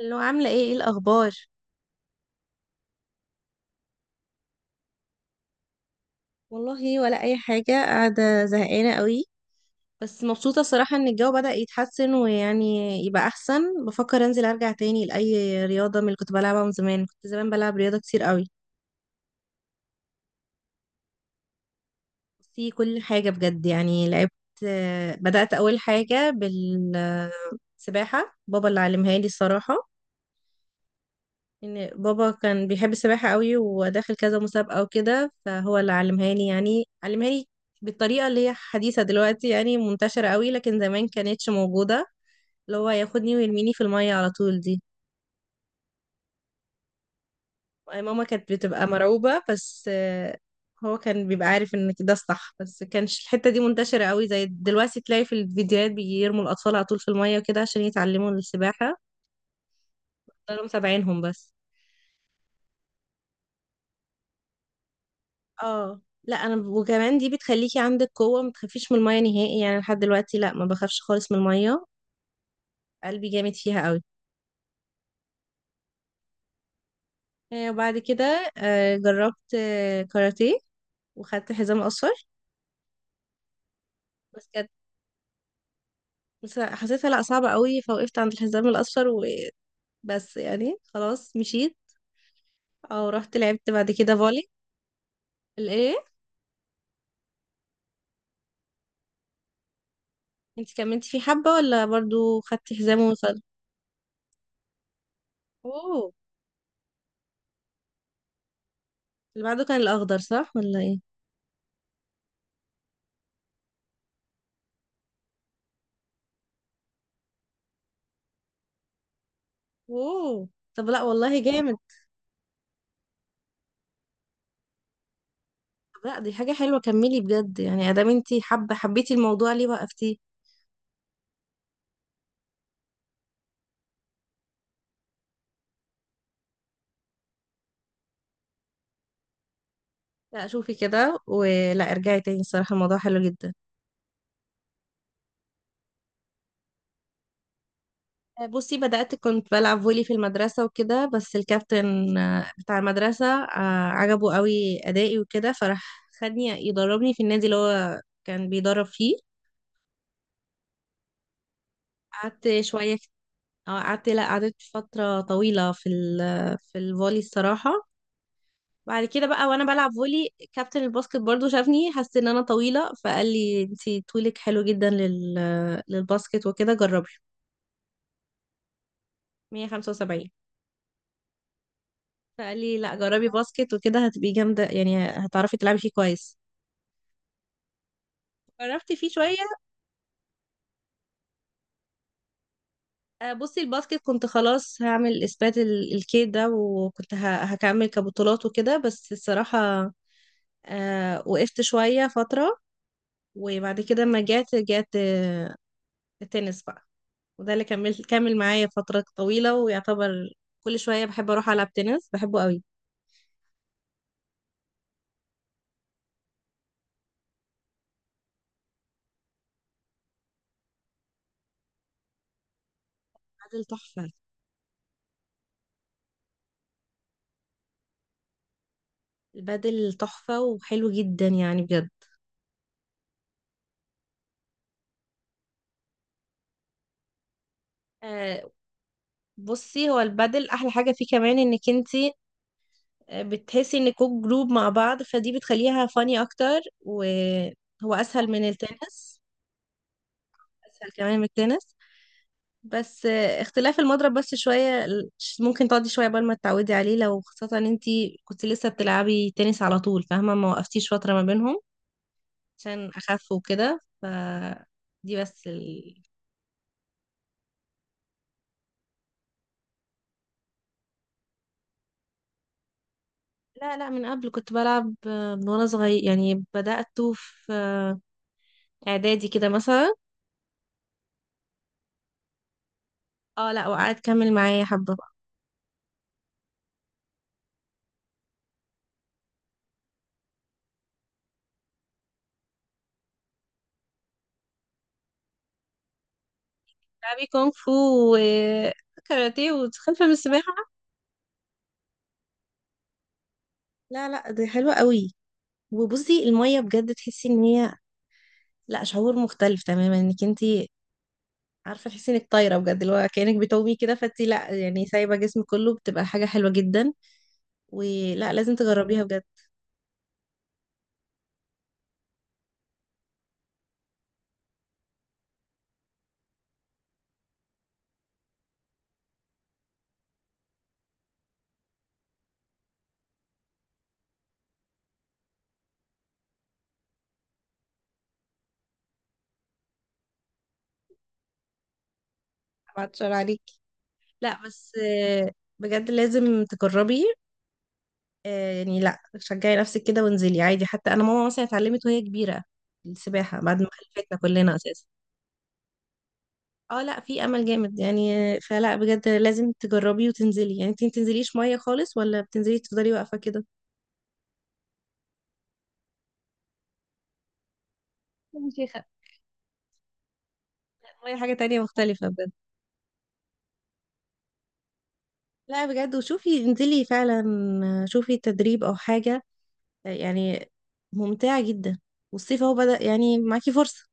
اللي هو عاملة ايه الأخبار؟ والله ولا أي حاجة، قاعدة زهقانة قوي، بس مبسوطة الصراحة إن الجو بدأ يتحسن ويعني يبقى أحسن. بفكر أنزل أرجع تاني لأي رياضة من اللي كنت بلعبها من زمان، كنت زمان بلعب رياضة كتير قوي في كل حاجة بجد. يعني لعبت، بدأت أول حاجة بالسباحة. بابا اللي علمها لي الصراحة، ان بابا كان بيحب السباحة قوي وداخل كذا مسابقة وكده، فهو اللي علمها لي، يعني علمها لي بالطريقة اللي هي حديثة دلوقتي، يعني منتشرة قوي لكن زمان كانتش موجودة، اللي هو ياخدني ويرميني في المية على طول دي. ماما كانت بتبقى مرعوبة بس. هو كان بيبقى عارف ان ده الصح، بس كانش الحتة دي منتشرة قوي زي دلوقتي، تلاقي في الفيديوهات بيرموا الأطفال على طول في المية وكده عشان يتعلموا السباحة. كانوا متابعينهم بس. اه لا، انا وكمان دي بتخليكي عندك قوه ما تخافيش من الميه نهائي، يعني لحد دلوقتي لا، ما بخافش خالص من الميه، قلبي جامد فيها قوي. وبعد كده جربت كاراتيه وخدت حزام اصفر. بس كانت بس حسيتها لا صعبه قوي، فوقفت عند الحزام الاصفر وبس، يعني خلاص مشيت. او رحت لعبت بعد كده فولي. الايه؟ انت كملتي فيه حبه ولا برضو خدتي حزام ووصلت؟ اوه. اللي بعده كان الاخضر صح ولا ايه؟ اوه. طب لا والله جامد. لا، دي حاجة حلوة، كملي بجد، يعني ادام انتي حابة، حبيتي الموضوع ليه وقفتيه؟ لا شوفي كده، ولا ارجعي تاني، الصراحة الموضوع حلو جدا. بصي، بدأت كنت بلعب فولي في المدرسة وكده، بس الكابتن بتاع المدرسة عجبه قوي أدائي وكده، فراح خدني يدربني في النادي اللي هو كان بيدرب فيه. قعدت شوية. اه قعدت، لا قعدت فترة طويلة في في الفولي الصراحة. بعد كده بقى وانا بلعب فولي، كابتن الباسكت برضو شافني، حس ان انا طويله، فقال لي انتي طولك حلو جدا للباسكت وكده جربي. 175. فقال لي لا جربي باسكت، وكده هتبقي جامده، يعني هتعرفي تلعبي فيه كويس. جربت فيه شويه. بصي الباسكت كنت خلاص هعمل اثبات الكيد ده، وكنت هكمل كبطولات وكده، بس الصراحه وقفت شويه فتره، وبعد كده ما جات التنس بقى. وده اللي كمل معايا فترة طويلة، ويعتبر كل شوية بحب أروح ألعب تنس، بحبه قوي. البادل تحفة. البادل تحفة وحلو جدا يعني بجد. آه، بصي هو البادل أحلى حاجة فيه كمان إنك انتي بتحسي إنكوا جروب مع بعض، فدي بتخليها فاني أكتر، وهو أسهل من التنس، أسهل كمان من التنس. بس اختلاف المضرب بس شوية. ممكن تقعدي شوية قبل ما تتعودي عليه، لو خاصة ان انتي كنت لسه بتلعبي تنس على طول، فاهمة؟ ما وقفتيش فترة ما بينهم عشان اخف وكده ف دي بس ال... لا لا، من قبل كنت بلعب من وانا صغير، يعني بدأت في اعدادي كده مثلا. اه لا، وقعدت كمل معايا حبة بقى. بتلعبي كونغ فو وكاراتيه وتخلفي من السباحة؟ لا لا، دي حلوة قوي. وبصي المية بجد تحسي ان هي، لا، شعور مختلف تماما، انك انتي عارفة تحسي انك طايرة بجد، اللي هو كأنك بتومي كده، فانتي لا يعني سايبة جسمك كله، بتبقى حاجة حلوة جدا، ولا لازم تجربيها بجد. هبعت شعر عليك. لا بس بجد لازم تجربي، يعني لا شجعي نفسك كده وانزلي عادي، حتى انا ماما مثلا اتعلمت وهي كبيره السباحه بعد ما خلفتنا كلنا اساسا. اه لا، في امل جامد يعني، فلا بجد لازم تجربي وتنزلي. يعني انت ما بتنزليش ميه خالص، ولا بتنزلي تفضلي واقفه كده؟ يا شيخة، المية حاجة تانية مختلفة بجد. لا بجد، وشوفي انزلي فعلا، شوفي تدريب أو حاجة، يعني ممتعة جدا، والصيف اهو بدأ، يعني معاكي فرصة.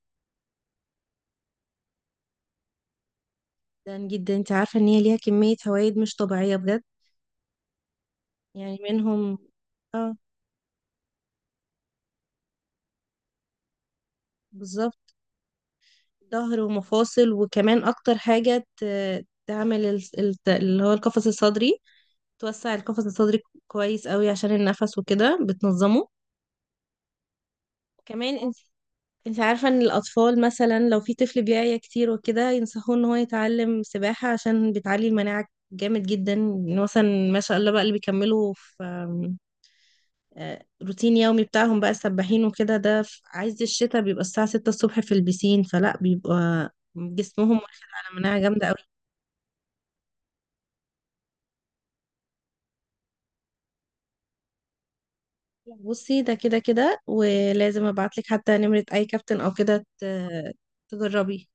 جدا جدا، انت عارفة ان هي ليها كمية فوائد مش طبيعية بجد. يعني منهم. اه. بالظبط. ظهر ومفاصل، وكمان اكتر حاجة تعمل، اللي هو القفص الصدري، توسع القفص الصدري كويس قوي عشان النفس وكده بتنظمه. كمان انت عارفة ان الاطفال مثلا، لو في طفل بيعيا كتير وكده ينصحوه ان هو يتعلم سباحة عشان بتعلي المناعة جامد جدا. مثلا ما شاء الله بقى اللي بيكملوا في روتين يومي بتاعهم بقى، السباحين وكده، ده في عز الشتاء بيبقى الساعة 6 الصبح في البسين، فلا بيبقى جسمهم واخد على مناعة جامدة قوي. بصي ده كده كده، ولازم ابعتلك حتى نمرة اي كابتن او كده تجربي،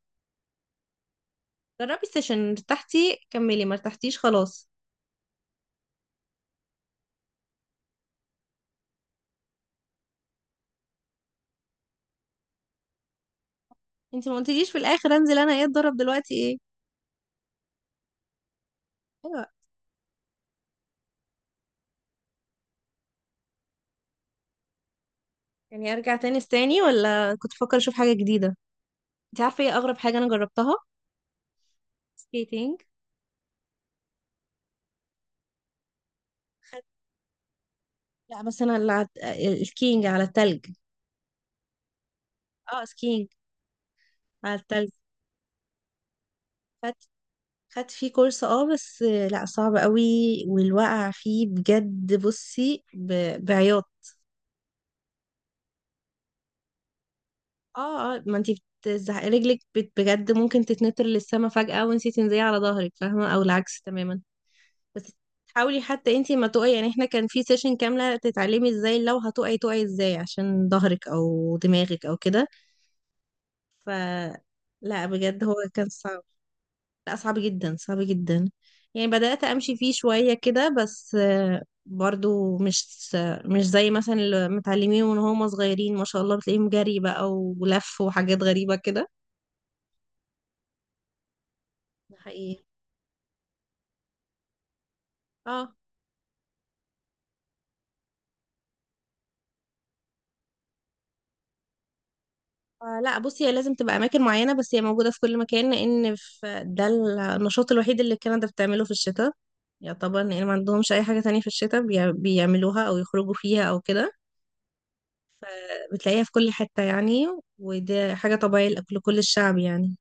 جربي السيشن، ارتحتي كملي، ما ارتحتيش خلاص. انت ما قلتليش في الاخر انزل انا ايه، اتدرب دلوقتي ايه؟ ايوه. يعني ارجع تاني تاني، ولا كنت بفكر اشوف حاجة جديدة؟ انت عارفة ايه اغرب حاجة انا جربتها؟ سكيتنج. لا بس انا الكينج على التلج. اه سكينج، على التلج خدت، خدت فيه كورس. اه بس لا صعب قوي، والوقع فيه بجد، بصي بعياط. اه اه، ما انتي بتزحق رجلك، بجد ممكن تتنطر للسما فجأة وانتي تنزلي على ظهرك، فاهمة؟ او العكس تماما. بس حاولي حتى انتي ما تقعي، يعني احنا كان في سيشن كاملة تتعلمي ازاي لو هتقعي تقعي ازاي عشان ظهرك او دماغك او كده ف لا بجد هو كان صعب. لا صعب جدا صعب جدا، يعني بدأت أمشي فيه شوية كده، بس برضو مش زي مثلا اللي متعلمين من هم صغيرين، ما شاء الله بتلاقيهم جري بقى ولف وحاجات غريبة كده. ده حقيقي. اه لا بصي، هي لازم تبقى أماكن معينة، بس هي موجودة في كل مكان، لأن في ده النشاط الوحيد اللي كندا بتعمله في الشتاء يعتبر، لأن ما عندهمش أي حاجة تانية في الشتاء بيعملوها أو يخرجوا فيها أو كده. بتلاقيها في كل حتة يعني، ودي حاجة طبيعية لكل الشعب يعني،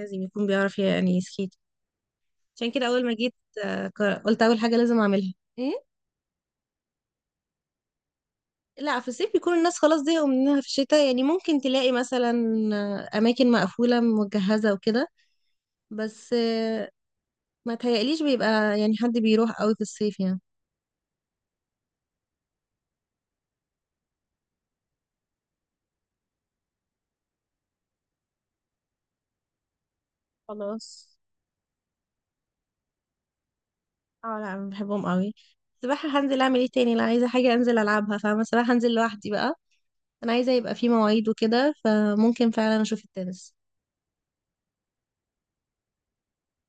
لازم يكون بيعرف يعني يسكيت. عشان كده اول ما جيت قلت اول حاجه لازم اعملها ايه. لا، في الصيف بيكون الناس خلاص زهقوا منها في الشتاء، يعني ممكن تلاقي مثلا اماكن مقفوله مجهزه وكده، بس ما تهيأليش بيبقى يعني حد بيروح قوي في الصيف يعني. خلاص. اه لا، انا بحبهم قوي. السباحه هنزل اعمل ايه تاني، لا عايزه حاجه انزل العبها فاهمه، السباحه هنزل لوحدي بقى. انا عايزه يبقى في مواعيد وكده، فممكن فعلا اشوف التنس.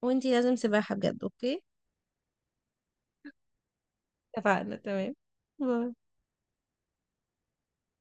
وانتي لازم سباحه بجد، اوكي؟ اتفقنا تمام. باي.